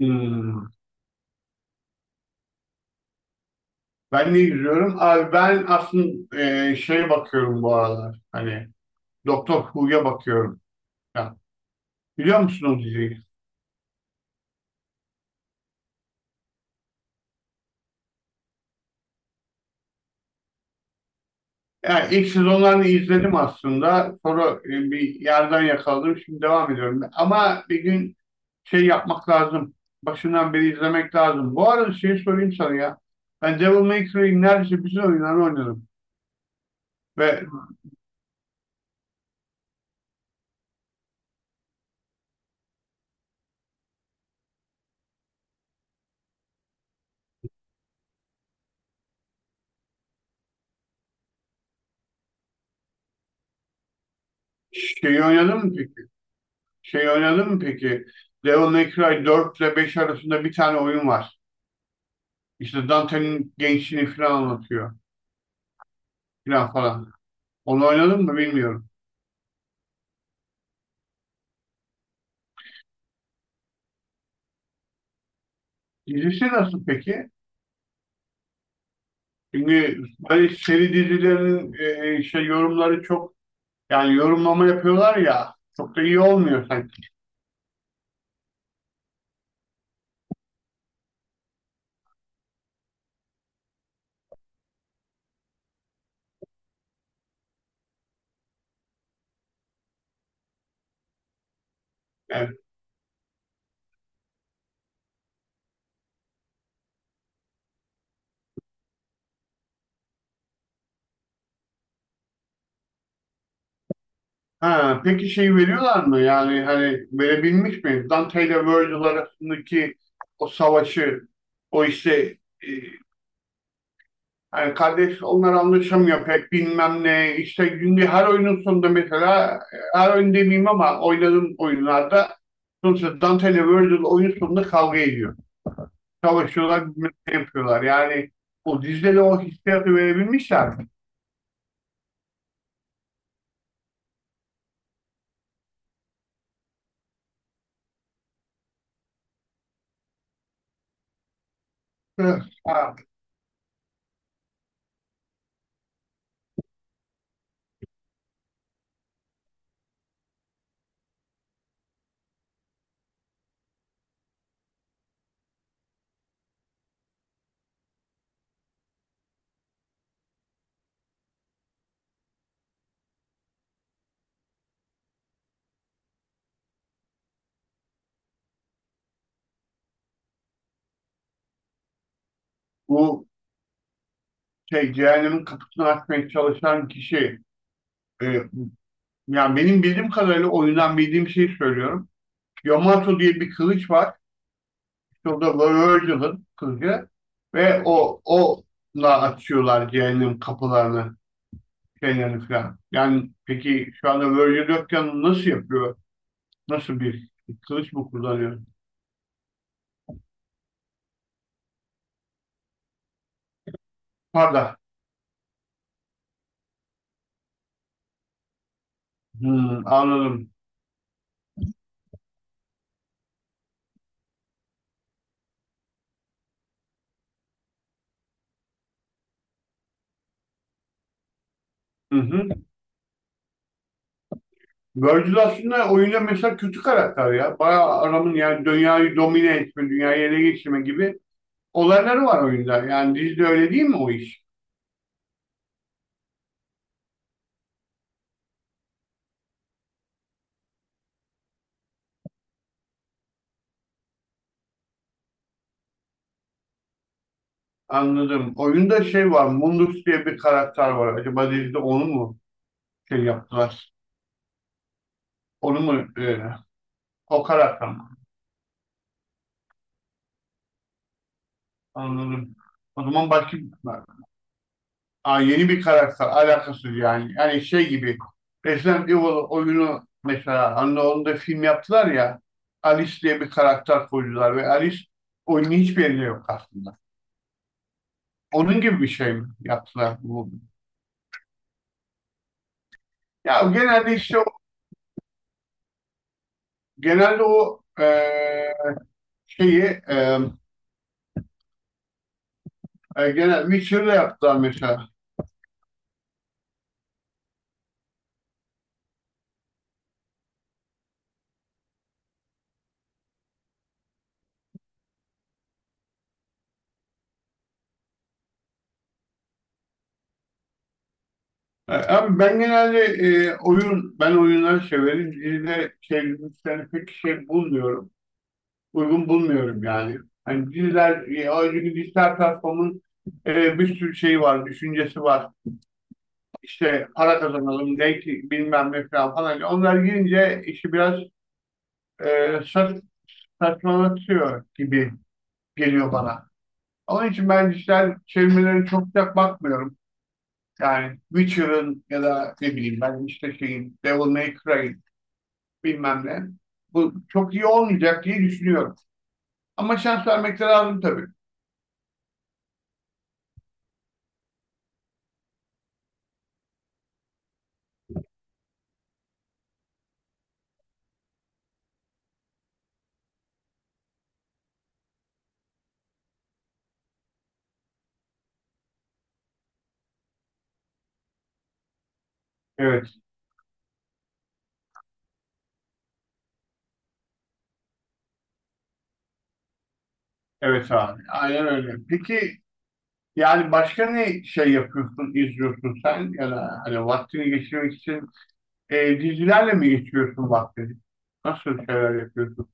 Hmm. Ben ne izliyorum? Abi ben aslında şeye bakıyorum bu aralar. Hani Doktor Who'ya bakıyorum. Ya, biliyor musun o diziyi? Yani ilk sezonlarını izledim aslında. Sonra bir yerden yakaladım. Şimdi devam ediyorum. Ama bir gün şey yapmak lazım. Başından beri izlemek lazım. Bu arada şey sorayım sana ya. Ben Devil May Cry'in neredeyse bütün oyunlarını oynadım. Ve şeyi oynadım mı peki? Şeyi oynadım mı peki? Devil May Cry dört ile 5 arasında bir tane oyun var. İşte Dante'nin gençliğini falan anlatıyor. Falan falan. Onu oynadın mı bilmiyorum. Dizisi nasıl peki? Çünkü böyle seri dizilerin şey yorumları çok yani yorumlama yapıyorlar ya çok da iyi olmuyor sanki. Yani, ha, peki şey veriyorlar mı? Yani hani verebilmiş mi? Dante ile Virgil arasındaki o savaşı o işte e, hani kardeş onlar anlaşamıyor pek bilmem ne. İşte günde her oyunun sonunda mesela her oyun demeyeyim ama oynadığım oyunlarda sonuçta Dante ile Virgil oyun sonunda kavga ediyor. Savaşıyorlar bilmem ne yapıyorlar. Yani o dizide de o hissiyatı verebilmişler. Evet. Ha, bu şey cehennemin kapısını açmaya çalışan kişi e, yani benim bildiğim kadarıyla oyundan bildiğim şeyi söylüyorum. Yamato diye bir kılıç var. Şurada böyle gidiyorlar kızca ve o onunla açıyorlar cehennem kapılarını şeylerini falan. Yani peki şu anda Virgil yokken nasıl yapıyor? Nasıl bir kılıç mı kullanıyor? Pardon. Hmm, anladım. Hı hı. Virgil aslında oyunda mesela kötü karakter ya. Bayağı adamın yani dünyayı domine etme, dünyayı ele geçirme gibi olayları var oyunda. Yani dizide öyle değil mi o iş? Anladım. Oyunda şey var, Mundus diye bir karakter var. Acaba dizide onu mu şey yaptılar. Onu mu o karakter mi? Anladım. O zaman başka aa, yeni bir karakter alakası yani. Yani şey gibi Resident Evil oyunu mesela hani onu da film yaptılar ya Alice diye bir karakter koydular ve Alice oyunun hiçbir yerinde yok aslında. Onun gibi bir şey mi yaptılar bu? Ya genelde işte o, genelde o şeyi e, genel Witcher'da yaptılar mesela. Abi ben genelde oyun, ben oyunları severim. Dizide şey, dizileri pek şey bulmuyorum. Uygun bulmuyorum yani. Hani diziler, o çünkü dijital platformun bir sürü şeyi var, düşüncesi var. İşte para kazanalım, denk bilmem ne falan falan. Onlar girince işi biraz e, saç, saçmalatıyor gibi geliyor bana. Onun için ben dijital çevirmelere çok sıcak bakmıyorum. Yani Witcher'ın ya da ne bileyim ben işte şeyin Devil May Cry bilmem ne. Bu çok iyi olmayacak diye düşünüyorum. Ama şans vermek de lazım tabii. Evet, evet abi. Aynen öyle. Peki yani başka ne şey yapıyorsun, izliyorsun sen? Ya da hani vaktini geçirmek için dizilerle mi geçiriyorsun vaktini? Nasıl şeyler yapıyorsun?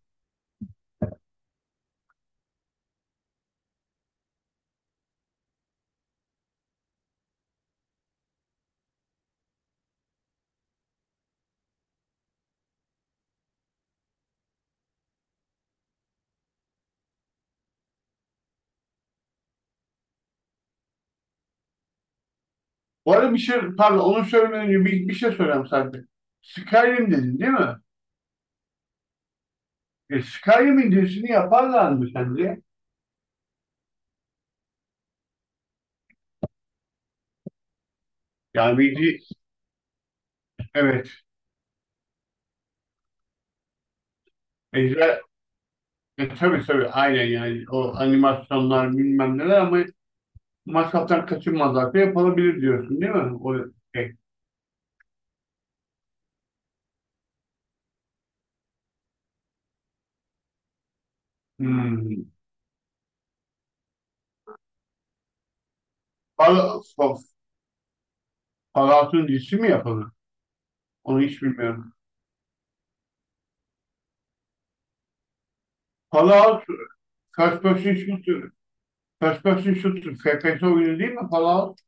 Bu arada bir şey, pardon onu söylemeden önce bir şey söyleyeyim sadece. Skyrim dedin değil mi? E, Skyrim'in dizisini yaparlar mı sence? Yani bir, di- evet. Ejder, e, tabii tabii aynen yani o animasyonlar bilmem neler ama masraftan kaçınmazlar da yapılabilir diyorsun değil mi? O şey. Hmm. Fal- Fa- Fallout'un dizisi mi yapıldı? Onu hiç bilmiyorum. Fallout First Person Shooter First Person Shooter FPS oyunu değil mi Fallout?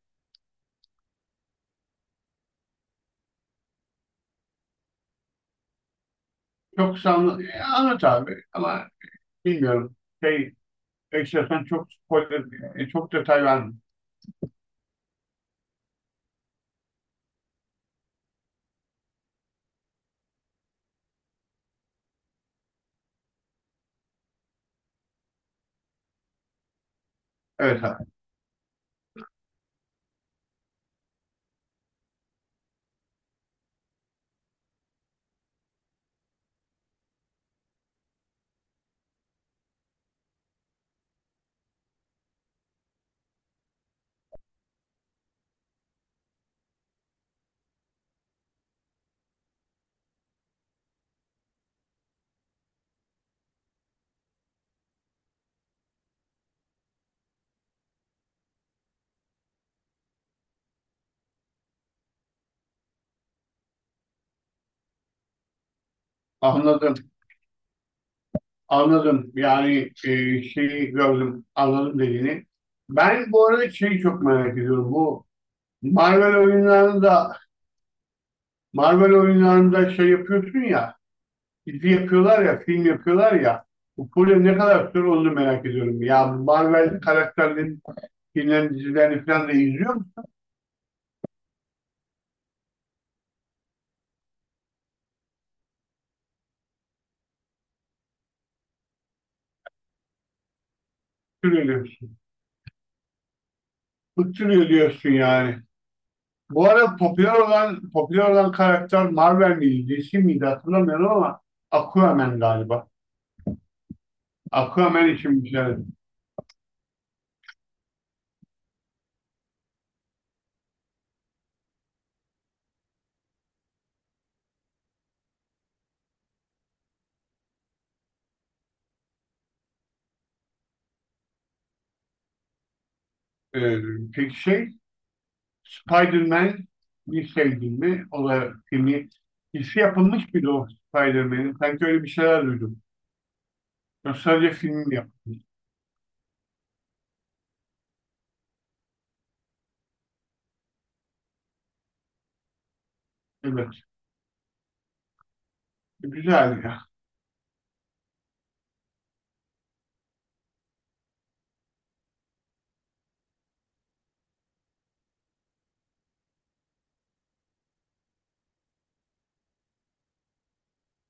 Çok sanlı anlat abi ama bilmiyorum. Şey, istersen çok spoiler, çok detay verme. Evet abi. Anladım. Anladım. Yani şeyi gördüm. Anladım dediğini. Ben bu arada şeyi çok merak ediyorum. Bu Marvel oyunlarında Marvel oyunlarında şey yapıyorsun ya dizi yapıyorlar ya film yapıyorlar ya bu proje ne kadar süre onu merak ediyorum. Ya Marvel karakterlerin filmlerin dizilerini falan da izliyor musun? Bıktırıyor diyorsun. Bıktırıyor diyorsun yani. Bu arada popüler olan popüler olan karakter Marvel miydi, DC miydi hatırlamıyorum ama Aquaman galiba. Aquaman için güzel. Ee, peki şey, Spider-Man bir sevdin mi? O da filmi, dizisi yapılmış mıydı o Spider-Man'in? Sanki öyle bir şeyler duydum. Yok, sadece film yapılmış. Evet. Güzel ya.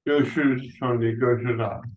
Görüşürüz sonra. Görüşürüz abi.